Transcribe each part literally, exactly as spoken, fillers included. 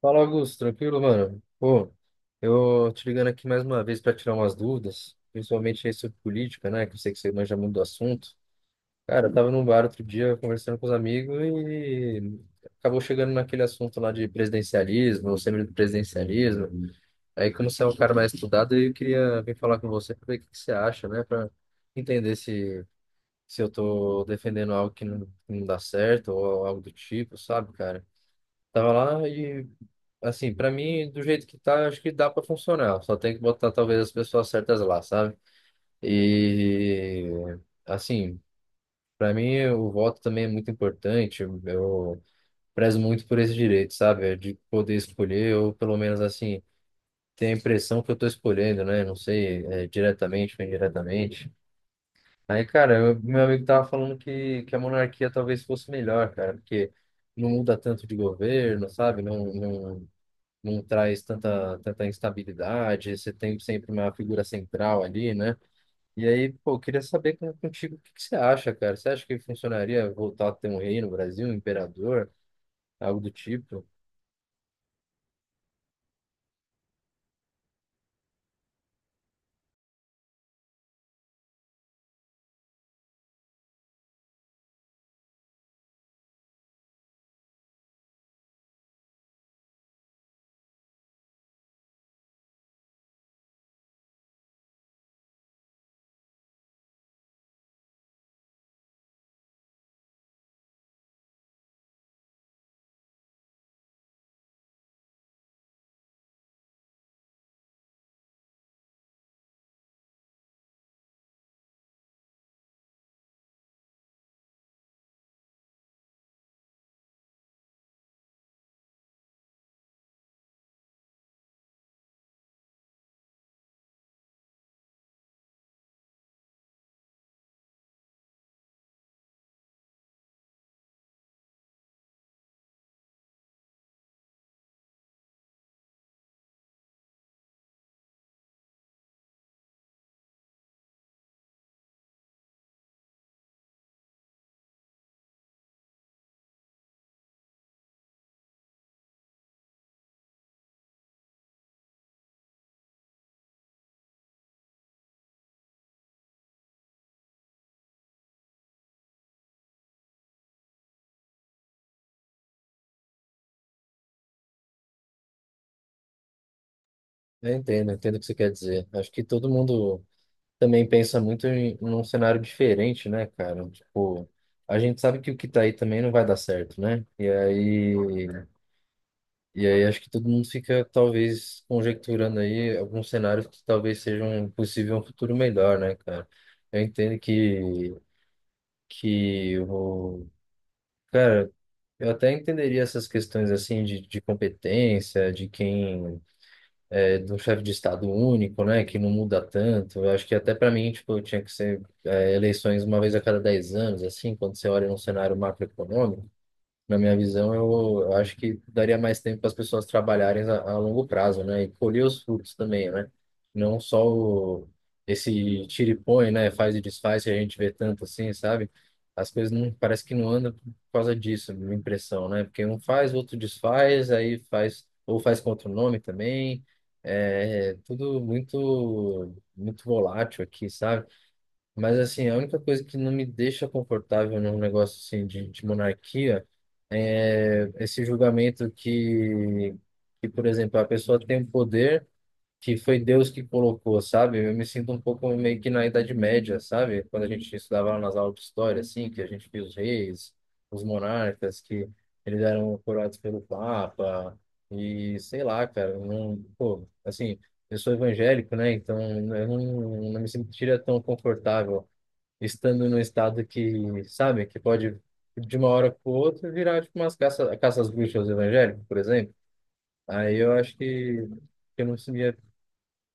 Fala, Augusto, tranquilo, mano? Pô, eu te ligando aqui mais uma vez para tirar umas dúvidas, principalmente aí sobre política, né? Que eu sei que você manja muito do assunto. Cara, eu tava num bar outro dia conversando com os amigos e acabou chegando naquele assunto lá de presidencialismo, semipresidencialismo. Aí, como você é um cara mais estudado, eu queria vir falar com você para ver o que que você acha, né? Para entender se, se eu tô defendendo algo que não, não dá certo ou algo do tipo, sabe, cara? Tava lá e, assim, pra mim, do jeito que tá, acho que dá pra funcionar. Só tem que botar, talvez, as pessoas certas lá, sabe? E, assim, pra mim, o voto também é muito importante. Eu prezo muito por esse direito, sabe? É de poder escolher, ou pelo menos, assim, ter a impressão que eu tô escolhendo, né? Não sei, é, diretamente ou indiretamente. Aí, cara, eu- meu amigo tava falando que, que a monarquia talvez fosse melhor, cara, porque não muda tanto de governo, sabe? Não, não não traz tanta, tanta instabilidade, você tem sempre uma figura central ali, né? E aí, pô, eu queria saber com- contigo o que que você acha, cara? Você acha que funcionaria voltar a ter um rei no Brasil, um imperador, algo do tipo? Eu entendo, eu entendo o que você quer dizer. Acho que todo mundo também pensa muito em num cenário diferente, né, cara? Tipo, a gente sabe que o que tá aí também não vai dar certo, né? E aí E aí acho que todo mundo fica talvez conjecturando aí alguns cenários que talvez sejam possível um futuro melhor, né, cara? Eu entendo que que o cara, eu até entenderia essas questões assim de, de competência, de quem é do chefe de estado único, né, que não muda tanto. Eu acho que até para mim, tipo, eu tinha que ser é, eleições uma vez a cada dez anos, assim, quando você olha num cenário macroeconômico. Na minha visão, eu, eu acho que daria mais tempo para as pessoas trabalharem a, a longo prazo, né? E colher os frutos também, né? Não só o, esse tira e põe, né? Faz e desfaz que a gente vê tanto assim, sabe? As coisas não, parece que não andam por causa disso, minha impressão, né? Porque um faz, outro desfaz, aí faz, ou faz com outro nome também. É tudo muito, muito volátil aqui, sabe? Mas assim, a única coisa que não me deixa confortável num negócio assim de, de monarquia é esse julgamento que, que, por exemplo, a pessoa tem um poder que foi Deus que colocou, sabe? Eu me sinto um pouco meio que na Idade Média, sabe? Quando a gente estudava lá nas aulas de história, assim, que a gente via os reis, os monarcas, que eles eram coroados pelo Papa, e sei lá, cara, não, pô, assim, eu sou evangélico, né? Então eu não, não me sentiria tão confortável estando num estado que, sabe, que pode de uma hora para outra virar tipo umas caça, caça às bruxas evangélicas, por exemplo. Aí eu acho que que eu não sabia,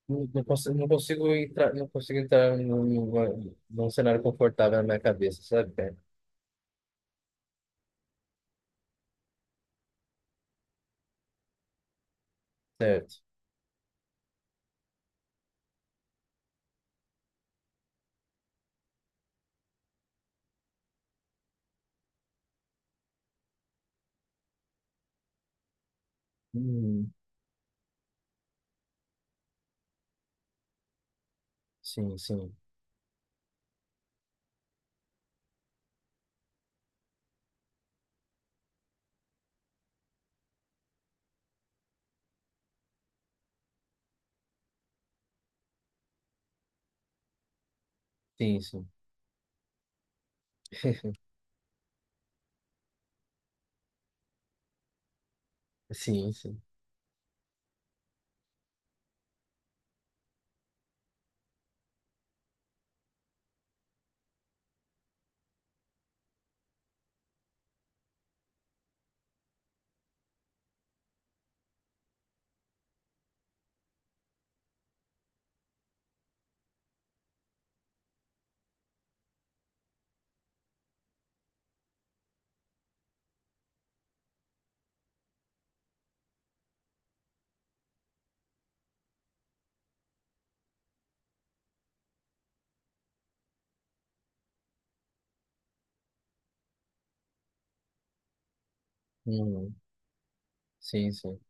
não, não consigo, não consigo entrar, não consigo entrar num, num, num cenário confortável na minha cabeça, sabe, cara? Certo. Uhum. Sim, sim. Sim, sim. Sim, sim. Uhum. Sim, sim.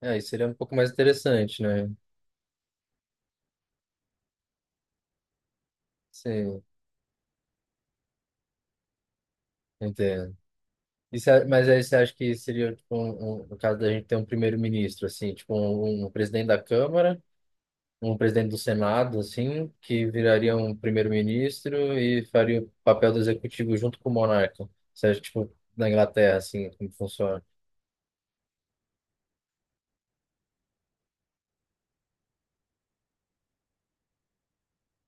É, isso seria um pouco mais interessante, né? Sim, entendo. Isso é- mas aí você acha que seria, tipo, um, um, no caso da gente ter um primeiro-ministro, assim, tipo, um, um um presidente da Câmara, um presidente do Senado, assim, que viraria um primeiro-ministro e faria o papel do executivo junto com o monarca. Você acha, tipo, na Inglaterra, assim, como funciona?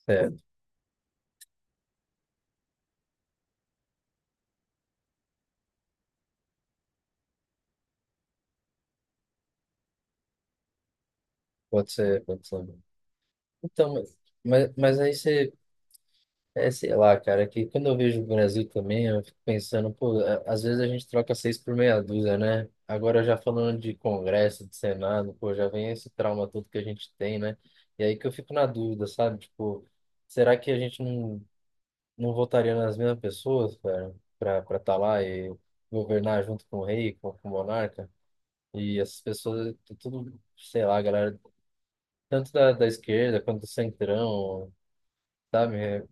Certo, pode ser, pode ser. Então, mas, mas mas aí você É, sei lá, cara, que quando eu vejo o Brasil também, eu fico pensando, pô, a- às vezes a gente troca seis por meia dúzia, né? Agora já falando de Congresso, de Senado, pô, já vem esse trauma todo que a gente tem, né? E aí que eu fico na dúvida, sabe? Tipo, será que a gente não, não votaria nas mesmas pessoas, cara, pra estar tá lá e governar junto com o rei, com, com o monarca? E essas pessoas, t- tudo, sei lá, galera, tanto da, da esquerda quanto do centrão, sabe?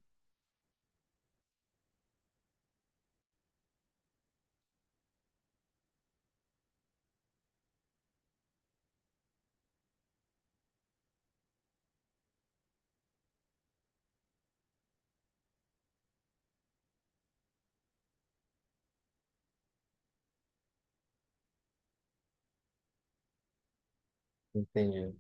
Entende?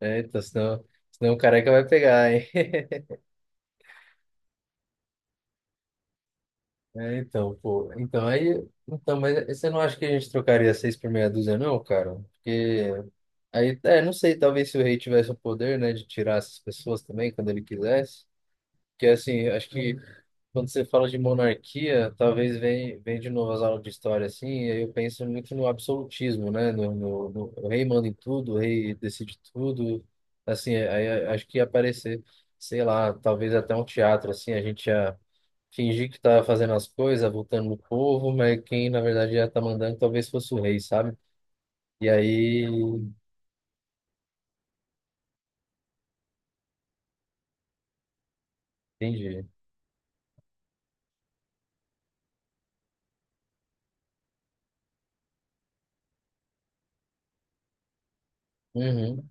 É, então, senão, senão o careca vai pegar, hein? É, então, pô. Então, aí. Então, mas você não acha que a gente trocaria seis por meia dúzia, não, cara? Porque. Aí, é, não sei, talvez se o rei tivesse o poder, né, de tirar essas pessoas também quando ele quisesse. Porque, assim, acho que quando você fala de monarquia, talvez vem, vem de novo as aulas de história, assim, e aí eu penso muito no absolutismo, né? No, no, no- o rei manda em tudo, o rei decide tudo, assim, aí eu acho que ia aparecer, sei lá, talvez até um teatro, assim, a gente ia fingir que estava fazendo as coisas, votando no povo, mas quem, na verdade, ia estar mandando talvez fosse o rei, sabe? E aí, entendi. Uhum,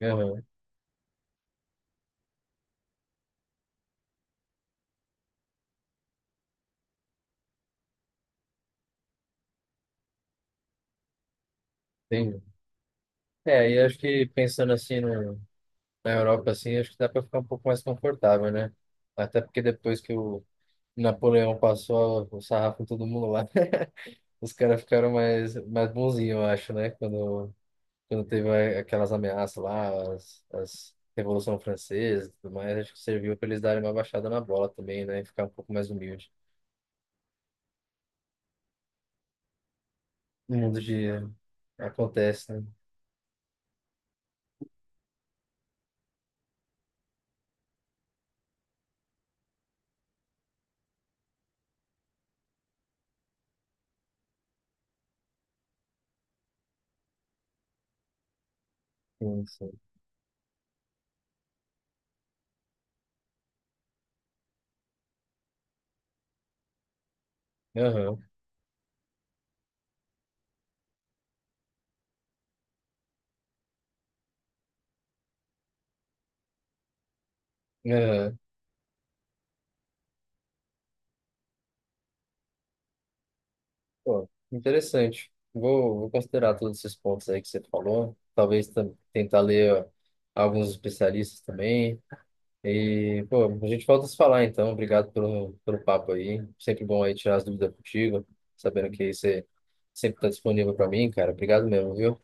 uhum, entendi. É, e acho que pensando assim no na Europa, assim, acho que dá para ficar um pouco mais confortável, né? Até porque depois que o Napoleão passou o sarrafo em todo mundo lá, os caras ficaram mais, mais bonzinhos, eu acho, né? Quando, quando teve a- aquelas ameaças lá, as, as Revolução Francesa e tudo mais, acho que serviu para eles darem uma baixada na bola também, né? E ficar um pouco mais humilde. No mundo de... acontece, né? Sim, sim. Aham, aham. Pô, interessante. Vou, vou considerar todos esses pontos aí que você falou. Talvez tam- tentar ler ó, alguns especialistas também. E, pô, a gente volta a se falar então. Obrigado pelo, pelo papo aí. Sempre bom aí tirar as dúvidas contigo. Sabendo que aí você sempre está disponível para mim, cara. Obrigado mesmo, viu?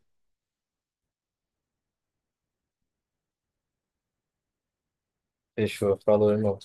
Fechou. Falou, irmão.